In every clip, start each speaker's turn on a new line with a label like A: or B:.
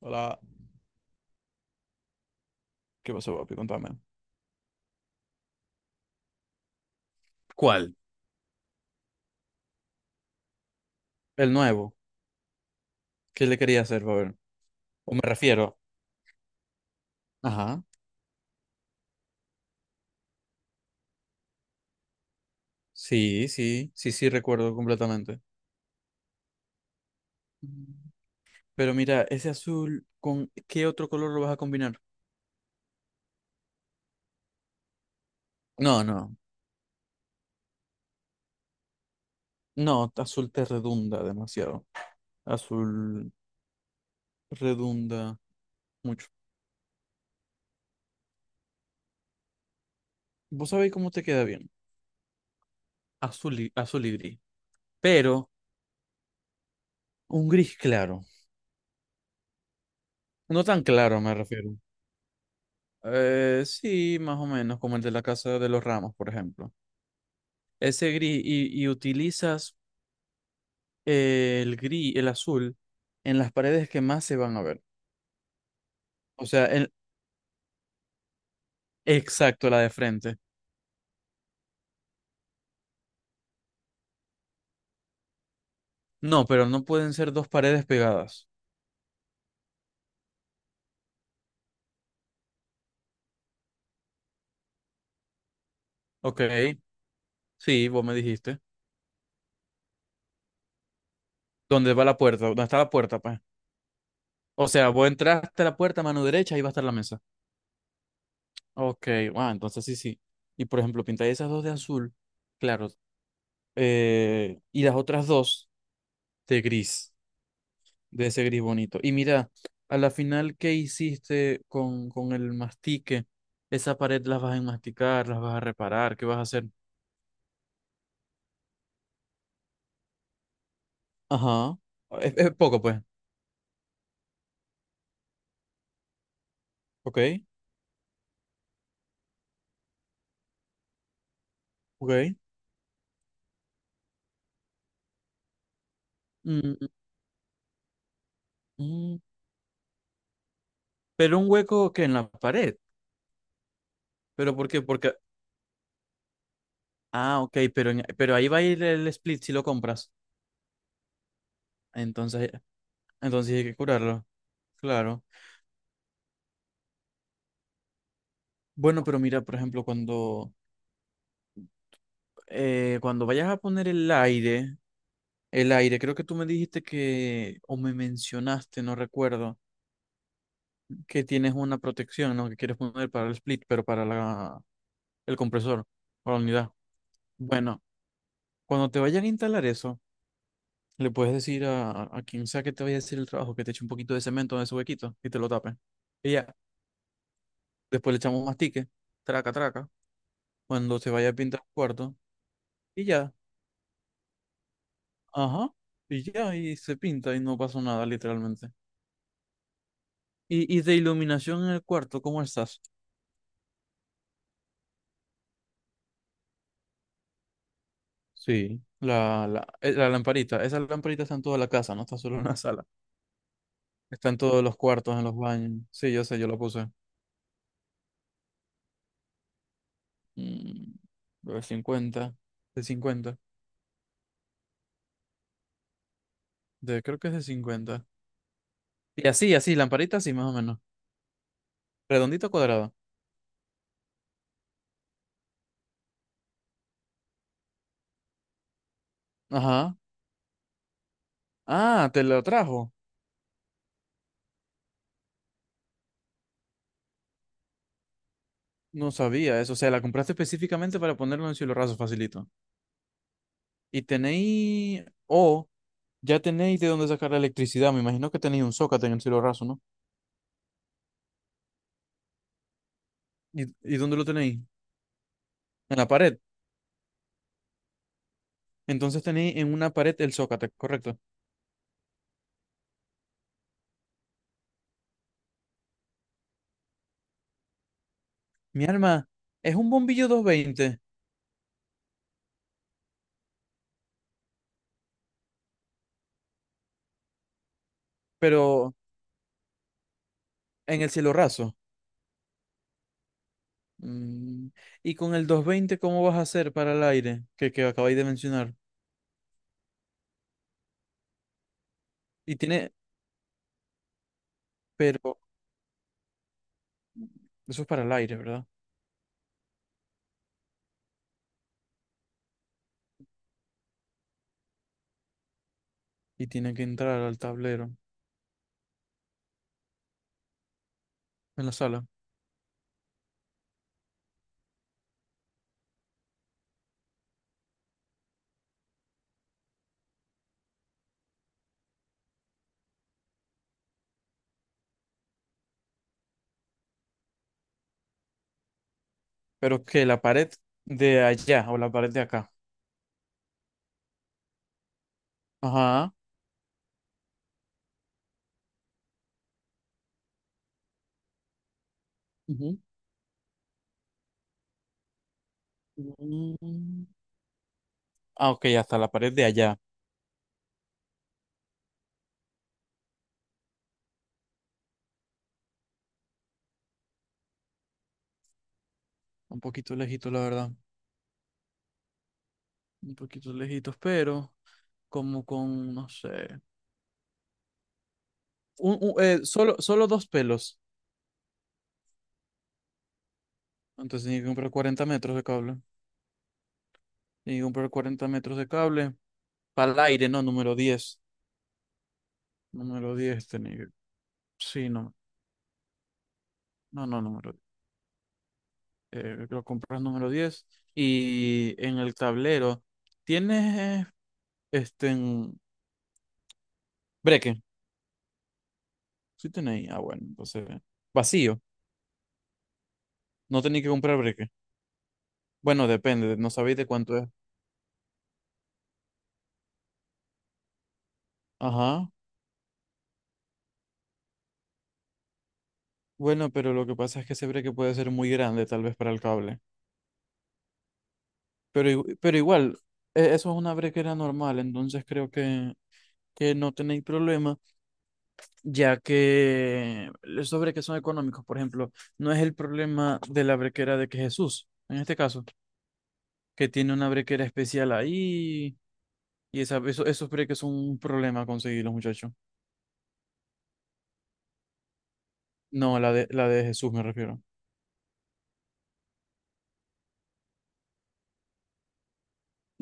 A: Hola, ¿qué pasó, papi? Contame. ¿Cuál? El nuevo, ¿qué le quería hacer, ver? O me refiero. Ajá. Sí, sí, sí, sí, recuerdo completamente. Mm. Pero mira, ese azul, ¿con qué otro color lo vas a combinar? No, no, no, azul te redunda demasiado. Azul redunda mucho. Vos sabéis cómo te queda bien. Azul y gris. Pero un gris claro. No tan claro, me refiero. Sí, más o menos, como el de la casa de los Ramos, por ejemplo. Ese gris y utilizas el gris, el azul, en las paredes que más se van a ver. O sea, el, exacto, la de frente. No, pero no pueden ser dos paredes pegadas. Ok, sí, vos me dijiste. ¿Dónde va la puerta? ¿Dónde está la puerta, pues? O sea, vos entraste a la puerta, mano derecha, ahí va a estar la mesa. Ok, wow, entonces sí, sí. Y por ejemplo, pintáis esas dos de azul, claro, y las otras dos de gris. De ese gris bonito. Y mira, a la final, ¿qué hiciste con el mastique? Esa pared las vas a enmasticar, las vas a reparar, ¿qué vas a hacer? Ajá. Es poco, pues. Ok, ok. Mm, mm. Pero un hueco que en la pared. ¿Pero por qué? Porque. Ah, ok, pero ahí va a ir el split si lo compras. Entonces, entonces hay que curarlo. Claro. Bueno, pero mira, por ejemplo, cuando vayas a poner el aire. El aire, creo que tú me dijiste que, o me mencionaste, no recuerdo, que tienes una protección, ¿no? Que quieres poner para el split, pero para la, el compresor, para la unidad. Bueno, cuando te vayan a instalar eso, le puedes decir a quien sea que te vaya a hacer el trabajo que te eche un poquito de cemento en ese huequito y te lo tape. Y ya, después le echamos mastique, traca, traca, cuando se vaya a pintar el cuarto, y ya, ajá, y ya, y se pinta y no pasó nada, literalmente. Y de iluminación en el cuarto, ¿cómo estás? Sí, la lamparita. Esa lamparita está en toda la casa, no está solo en la sala. Está en todos los cuartos, en los baños. Sí, yo sé, yo la puse. Mm, de 50, de 50, creo que es de 50. Y así, así, lamparita así, más o menos. Redondito cuadrado. Ajá. Ah, te lo trajo. No sabía eso. O sea, la compraste específicamente para ponerlo en cielo raso, facilito. Y tenéis, o ya tenéis de dónde sacar la electricidad. Me imagino que tenéis un zócate en el cielo raso, ¿no? ¿Y dónde lo tenéis? En la pared. Entonces tenéis en una pared el zócate, correcto. Mi alma es un bombillo 220, pero en el cielo raso. Mm, Y con el 220, ¿cómo vas a hacer para el aire que acabáis de mencionar? Y tiene, pero eso es para el aire, ¿verdad? Y tiene que entrar al tablero en la sala. Pero que la pared de allá o la pared de acá. Ajá. Ujú. Mm, Ah, ok, hasta la pared de allá. Un poquito lejito, la verdad. Un poquito lejitos, pero como con, no sé. Solo dos pelos. Entonces tenía que comprar 40 metros de cable. Tenía que comprar 40 metros de cable. Para el aire, no, número 10. Número 10 tenía que... Sí, no, no, no, número 10. Lo compras número 10. Y en el tablero, ¿tienes este en breque? Sí tenéis. Ah, bueno, entonces... Vacío. No tenéis que comprar breque. Bueno, depende, no sabéis de cuánto es. Ajá. Bueno, pero lo que pasa es que ese breque puede ser muy grande, tal vez para el cable. Pero igual, eso es una brequera normal, entonces creo que no tenéis problema, ya que los sobre que son económicos, por ejemplo, no es el problema de la brequera de que Jesús, en este caso, que tiene una brequera especial ahí, esos breques son un problema conseguirlos, muchachos. No, la de Jesús me refiero.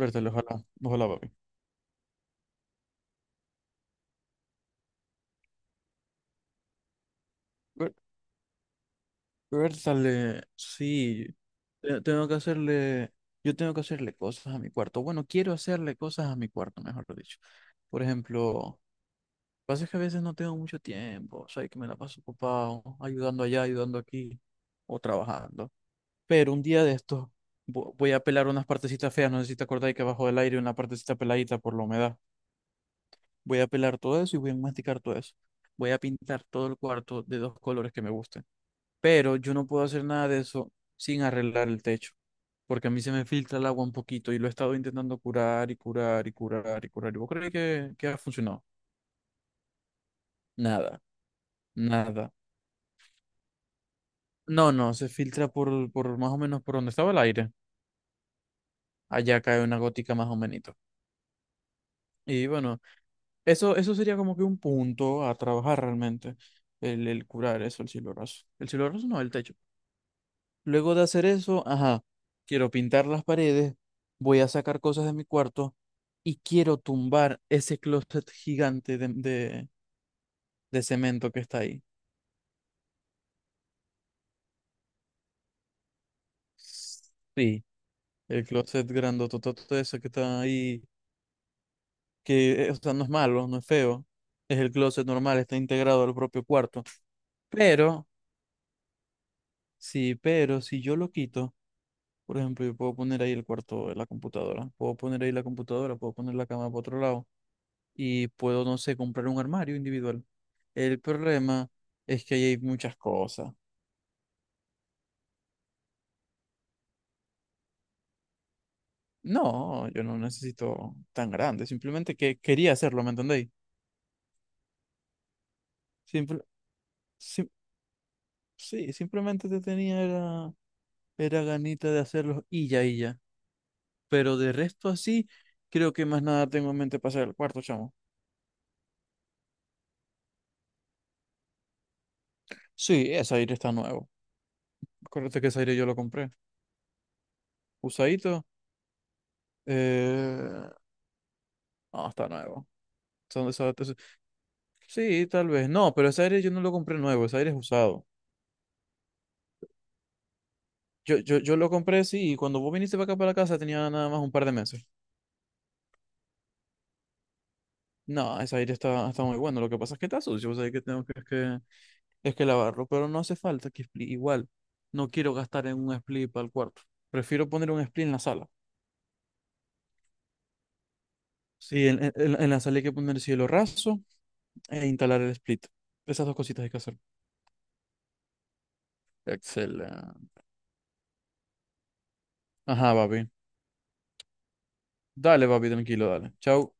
A: Vértelo, ojalá, ojalá, papi. Vértale, sí, tengo que hacerle, yo tengo que hacerle cosas a mi cuarto. Bueno, quiero hacerle cosas a mi cuarto, mejor dicho. Por ejemplo, lo que pasa es que a veces no tengo mucho tiempo, o sea, que me la paso ocupado, ayudando allá, ayudando aquí, o trabajando. Pero un día de estos voy a pelar unas partecitas feas, no sé si te acordás que abajo del aire una partecita peladita por la humedad. Voy a pelar todo eso y voy a masticar todo eso. Voy a pintar todo el cuarto de dos colores que me gusten, pero yo no puedo hacer nada de eso sin arreglar el techo, porque a mí se me filtra el agua un poquito y lo he estado intentando curar y curar y curar y curar. ¿Y vos crees que ha funcionado? Nada, nada. No, no, se filtra por más o menos por donde estaba el aire. Allá cae una gótica más o menos. Y bueno, eso sería como que un punto a trabajar realmente, el curar eso, el cielo raso. El cielo raso no, el techo. Luego de hacer eso, ajá, quiero pintar las paredes, voy a sacar cosas de mi cuarto y quiero tumbar ese closet gigante de cemento que está ahí. Sí, el closet grandototote ese que está ahí, que o sea, no es malo, no es feo, es el closet normal, está integrado al propio cuarto. Pero, sí, pero si yo lo quito, por ejemplo, yo puedo poner ahí el cuarto de la computadora, puedo poner ahí la computadora, puedo poner la cama por otro lado y puedo, no sé, comprar un armario individual. El problema es que ahí hay muchas cosas. No, yo no necesito tan grande, simplemente que quería hacerlo, ¿me entendéis? Simple, sim- sí, simplemente te tenía era, era ganita de hacerlo y ya, y ya. Pero de resto así, creo que más nada tengo en mente para hacer el cuarto, chamo. Sí, ese aire está nuevo. Acuérdate que ese aire yo lo compré. Usadito, eh... no, está nuevo. Son de esos- Sí, tal vez. No, pero ese aire yo no lo compré nuevo, ese aire es usado. Yo lo compré, sí, y cuando vos viniste para acá para la casa tenía nada más un par de meses. No, ese aire está muy bueno. Lo que pasa es que está sucio, o sea, es que lavarlo, pero no hace falta que split. Igual, no quiero gastar en un split para el cuarto. Prefiero poner un split en la sala. Sí, en la sala hay que poner cielo raso e instalar el split. Esas dos cositas hay que hacer. Excelente. Ajá, papi. Dale, papi, tranquilo, dale. Chau.